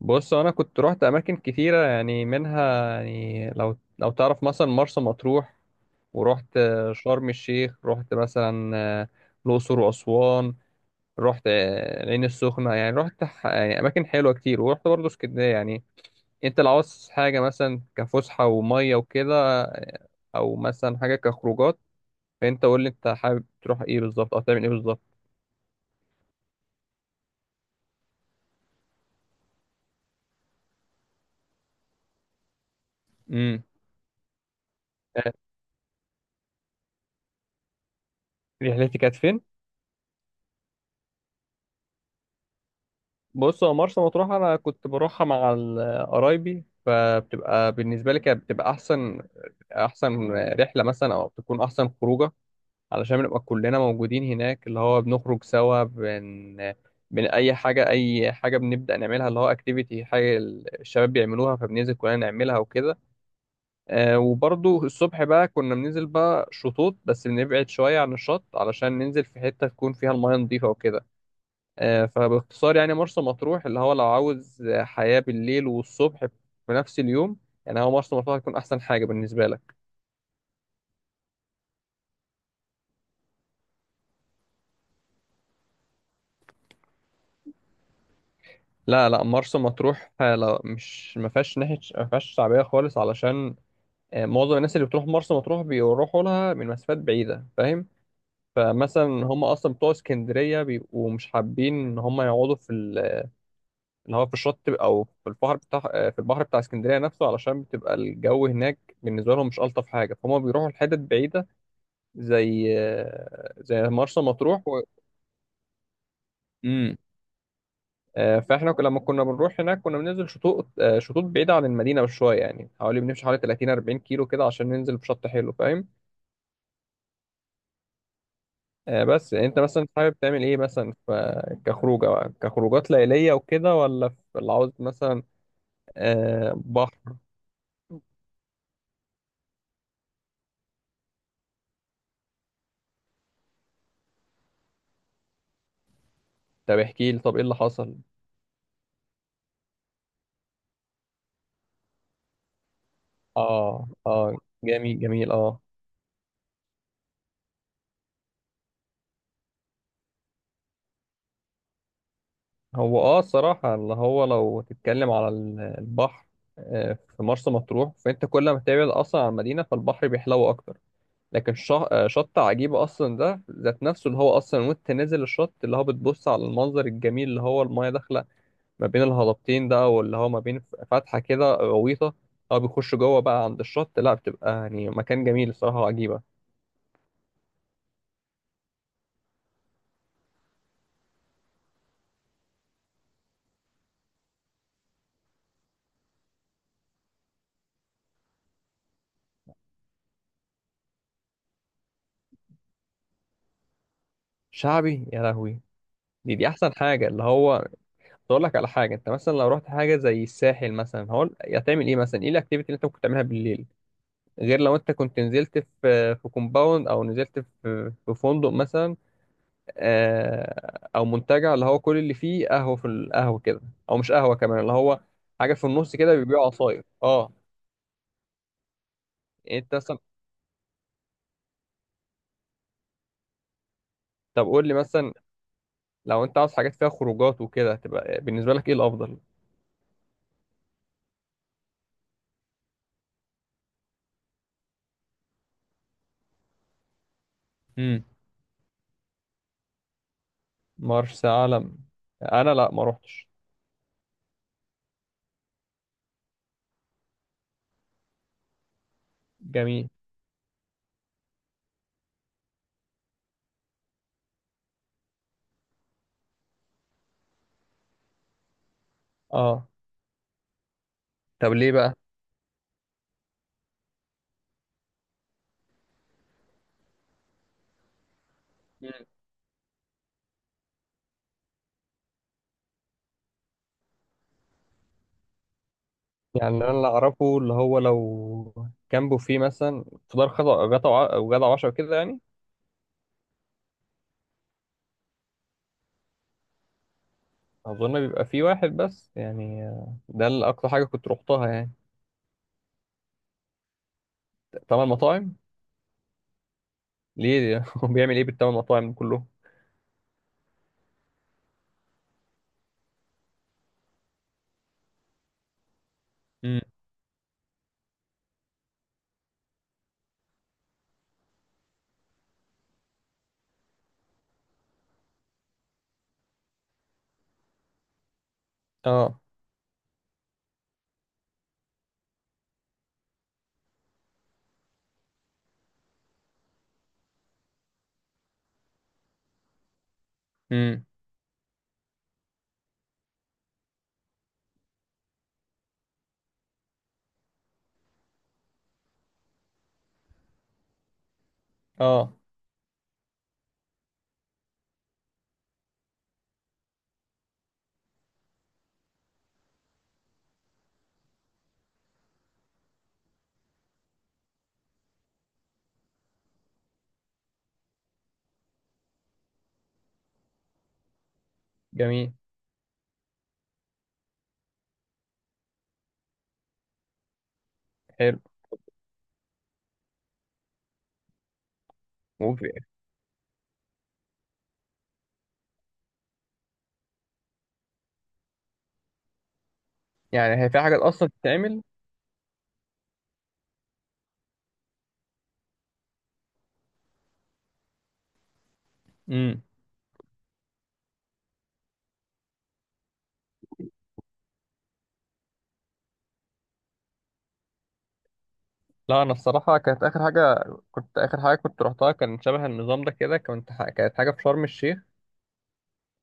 بص انا كنت روحت اماكن كتيره، يعني منها، يعني لو تعرف مثلا مرسى مطروح. ورحت شرم الشيخ، رحت مثلا الاقصر واسوان. رحت العين السخنه، يعني رحت يعني اماكن حلوه كتير، ورحت برضه اسكندريه يعني. انت لو عاوز حاجه مثلا كفسحه وميه وكده، او مثلا حاجه كخروجات. فانت قول لي، انت حابب تروح ايه بالظبط او تعمل ايه بالظبط؟ امم. آه، رحلتي كانت فين؟ بص، هو مرسى مطروح انا كنت بروحها مع قرايبي، فبتبقى بالنسبه لي كانت بتبقى احسن، احسن رحله مثلا، او بتكون احسن خروجه. علشان بنبقى كلنا موجودين هناك، اللي هو بنخرج سوا بن بن اي حاجه، اي حاجه بنبدا نعملها، اللي هو اكتيفيتي حاجه الشباب بيعملوها، فبننزل كلنا نعملها وكده. وبرضو الصبح بقى كنا بننزل بقى شطوط، بس بنبعد شويه عن الشط علشان ننزل في حته تكون فيها الميه نظيفه وكده. فباختصار، يعني مرسى مطروح اللي هو لو عاوز حياة بالليل والصبح في نفس اليوم، يعني هو مرسى مطروح هتكون أحسن حاجة بالنسبة لك. لا، لا، مرسى مطروح لا، مش ما فيهاش ناحية، ما فيهاش شعبية خالص، علشان معظم الناس اللي بتروح مرسى مطروح بيروحوا لها من مسافات بعيدة، فاهم؟ فمثلا هم أصلا بتوع اسكندرية بيبقوا مش حابين إن هم يقعدوا اللي هو في الشط أو في البحر بتاع، في البحر بتاع اسكندرية نفسه، علشان بتبقى الجو هناك بالنسبة لهم مش ألطف حاجة، فهم بيروحوا لحتت بعيدة زي مرسى مطروح مم. فاحنا لما كنا بنروح هناك كنا بننزل شطوط، شطوط بعيدة عن المدينة بشوية، يعني حوالي بنمشي حوالي 30 40 كيلو كده عشان ننزل في شط حلو، فاهم؟ بس يعني انت مثلا حابب تعمل ايه مثلا في كخروجة بقى؟ كخروجات ليلية وكده، ولا في اللي عاوز مثلا بحر؟ طب احكي لي، طب ايه اللي حصل؟ اه، اه. جميل، جميل، اه. هو، اه، الصراحة اللي هو لو تتكلم على البحر، في مرسى مطروح، فانت كل ما تبعد اصلا عن المدينة فالبحر بيحلو اكتر. لكن شط عجيبة اصلا، ده ذات نفسه اللي هو اصلا وانت نازل الشط، اللي هو بتبص على المنظر الجميل اللي هو المايه داخلة ما بين الهضبتين ده، واللي هو ما بين فتحة كده، غويطة، او بيخش جوه بقى عند الشط، لا بتبقى يعني مكان جميل الصراحة، وعجيبة. شعبي يا لهوي! دي احسن حاجة. اللي هو اقول لك على حاجه، انت مثلا لو رحت حاجه زي الساحل مثلا، هو هتعمل ايه مثلا؟ ايه الاكتيفيتي اللي انت ممكن تعملها بالليل؟ غير لو انت كنت نزلت في كومباوند، او نزلت في فندق مثلا، او منتجع اللي هو كل اللي فيه قهوه، في القهوه كده، او مش قهوه كمان، اللي هو حاجه في النص كده بيبيعوا عصاير، اه. يعني انت مثلا، طب قول لي مثلا، لو انت عاوز حاجات فيها خروجات وكده، تبقى بالنسبه لك ايه الافضل؟ امم. مرسى علم. انا، لا، ما روحتش. جميل، اه. طب ليه بقى؟ يعني انا، اللي انا اعرفه اللي هو لو جنبه فيه مثلا فطار، خطأ، غدا وغدا وعشاء كده يعني. اظن بيبقى فيه واحد بس يعني، ده اللي اكتر حاجه كنت روحتها يعني. تمن مطاعم! ليه؟ هو بيعمل ايه بالتمن مطاعم كلهم؟ امم. اه. امم. اه. جميل. حلو. وفي. يعني هي في حاجات اصلا بتتعمل. امم. لا، انا الصراحه كانت اخر حاجه كنت اخر حاجه كنت روحتها كان شبه النظام ده كده، كانت حاجه في شرم الشيخ.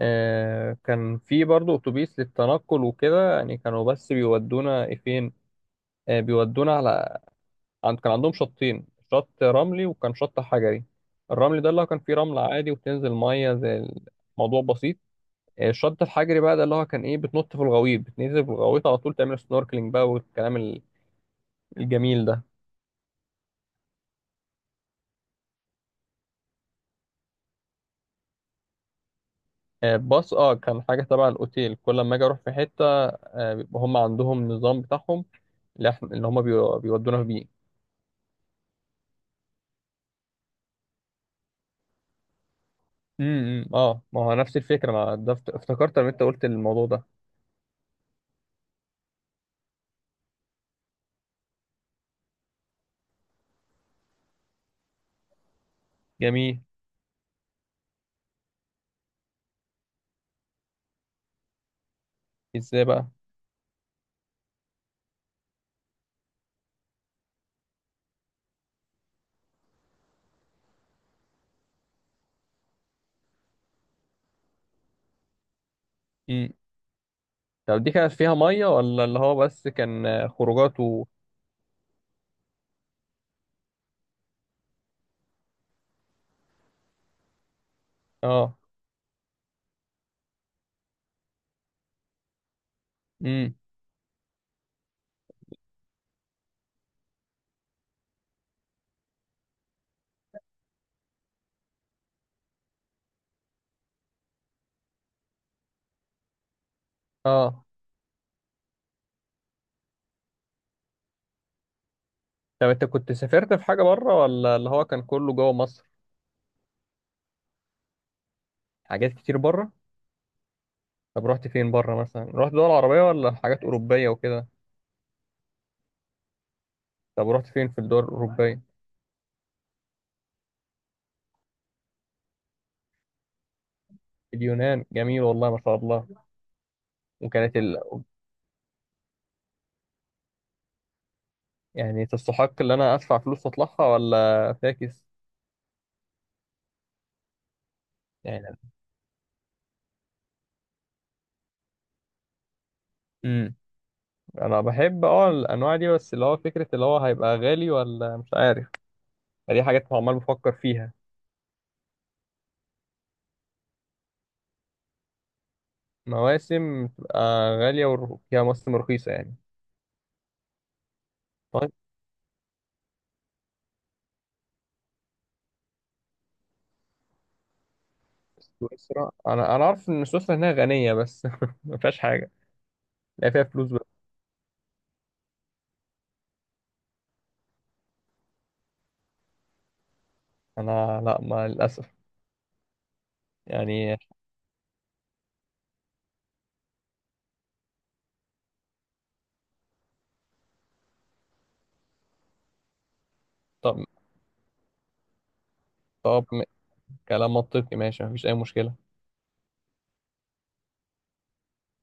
كان في برضو اتوبيس للتنقل وكده، يعني كانوا بس بيودونا إيه فين، بيودونا على، عند كان عندهم شطين، شط رملي وكان شط حجري. الرملي ده اللي هو كان فيه رمل عادي، وبتنزل ميه، زي، الموضوع بسيط. الشط الحجري بقى ده اللي هو كان ايه، بتنط في الغويط، بتنزل في الغويط على طول، تعمل سنوركلينج بقى، والكلام الجميل ده. باص، اه، كان حاجه تبع الاوتيل كل ما اجي اروح في حته. بيبقى هم عندهم نظام بتاعهم، اللي هم بيودونا بيه. امم، اه، ما هو نفس الفكره، ما ده افتكرت لما انت قلت الموضوع ده. جميل. ازاي بقى؟ امم. طب دي كانت فيها ميه، ولا اللي هو بس كان خروجات و... اه. امم. اه. طب انت كنت سافرت في حاجه بره، ولا اللي هو كان كله جوه مصر؟ حاجات كتير بره. طب رحت فين بره مثلا؟ رحت دول عربيه ولا حاجات اوروبيه وكده؟ طب رحت فين في الدول الاوروبيه؟ اليونان جميل، والله ما شاء الله. وكانت ال... يعني تستحق ان انا ادفع فلوس واطلعها ولا فاكس؟ يعني انا بحب، اه، الانواع دي، بس اللي هو فكره اللي هو هيبقى غالي ولا مش عارف. دي حاجات عمال بفكر فيها. مواسم تبقى غاليه، وفيها مواسم رخيصه يعني. طيب. سويسرا، انا عارف ان سويسرا هنا غنيه بس ما فيهاش حاجه. لا، فيها فلوس بقى. انا، لا، ما، للاسف يعني. طب طب م- كلام منطقي، ماشي، مفيش اي مشكله.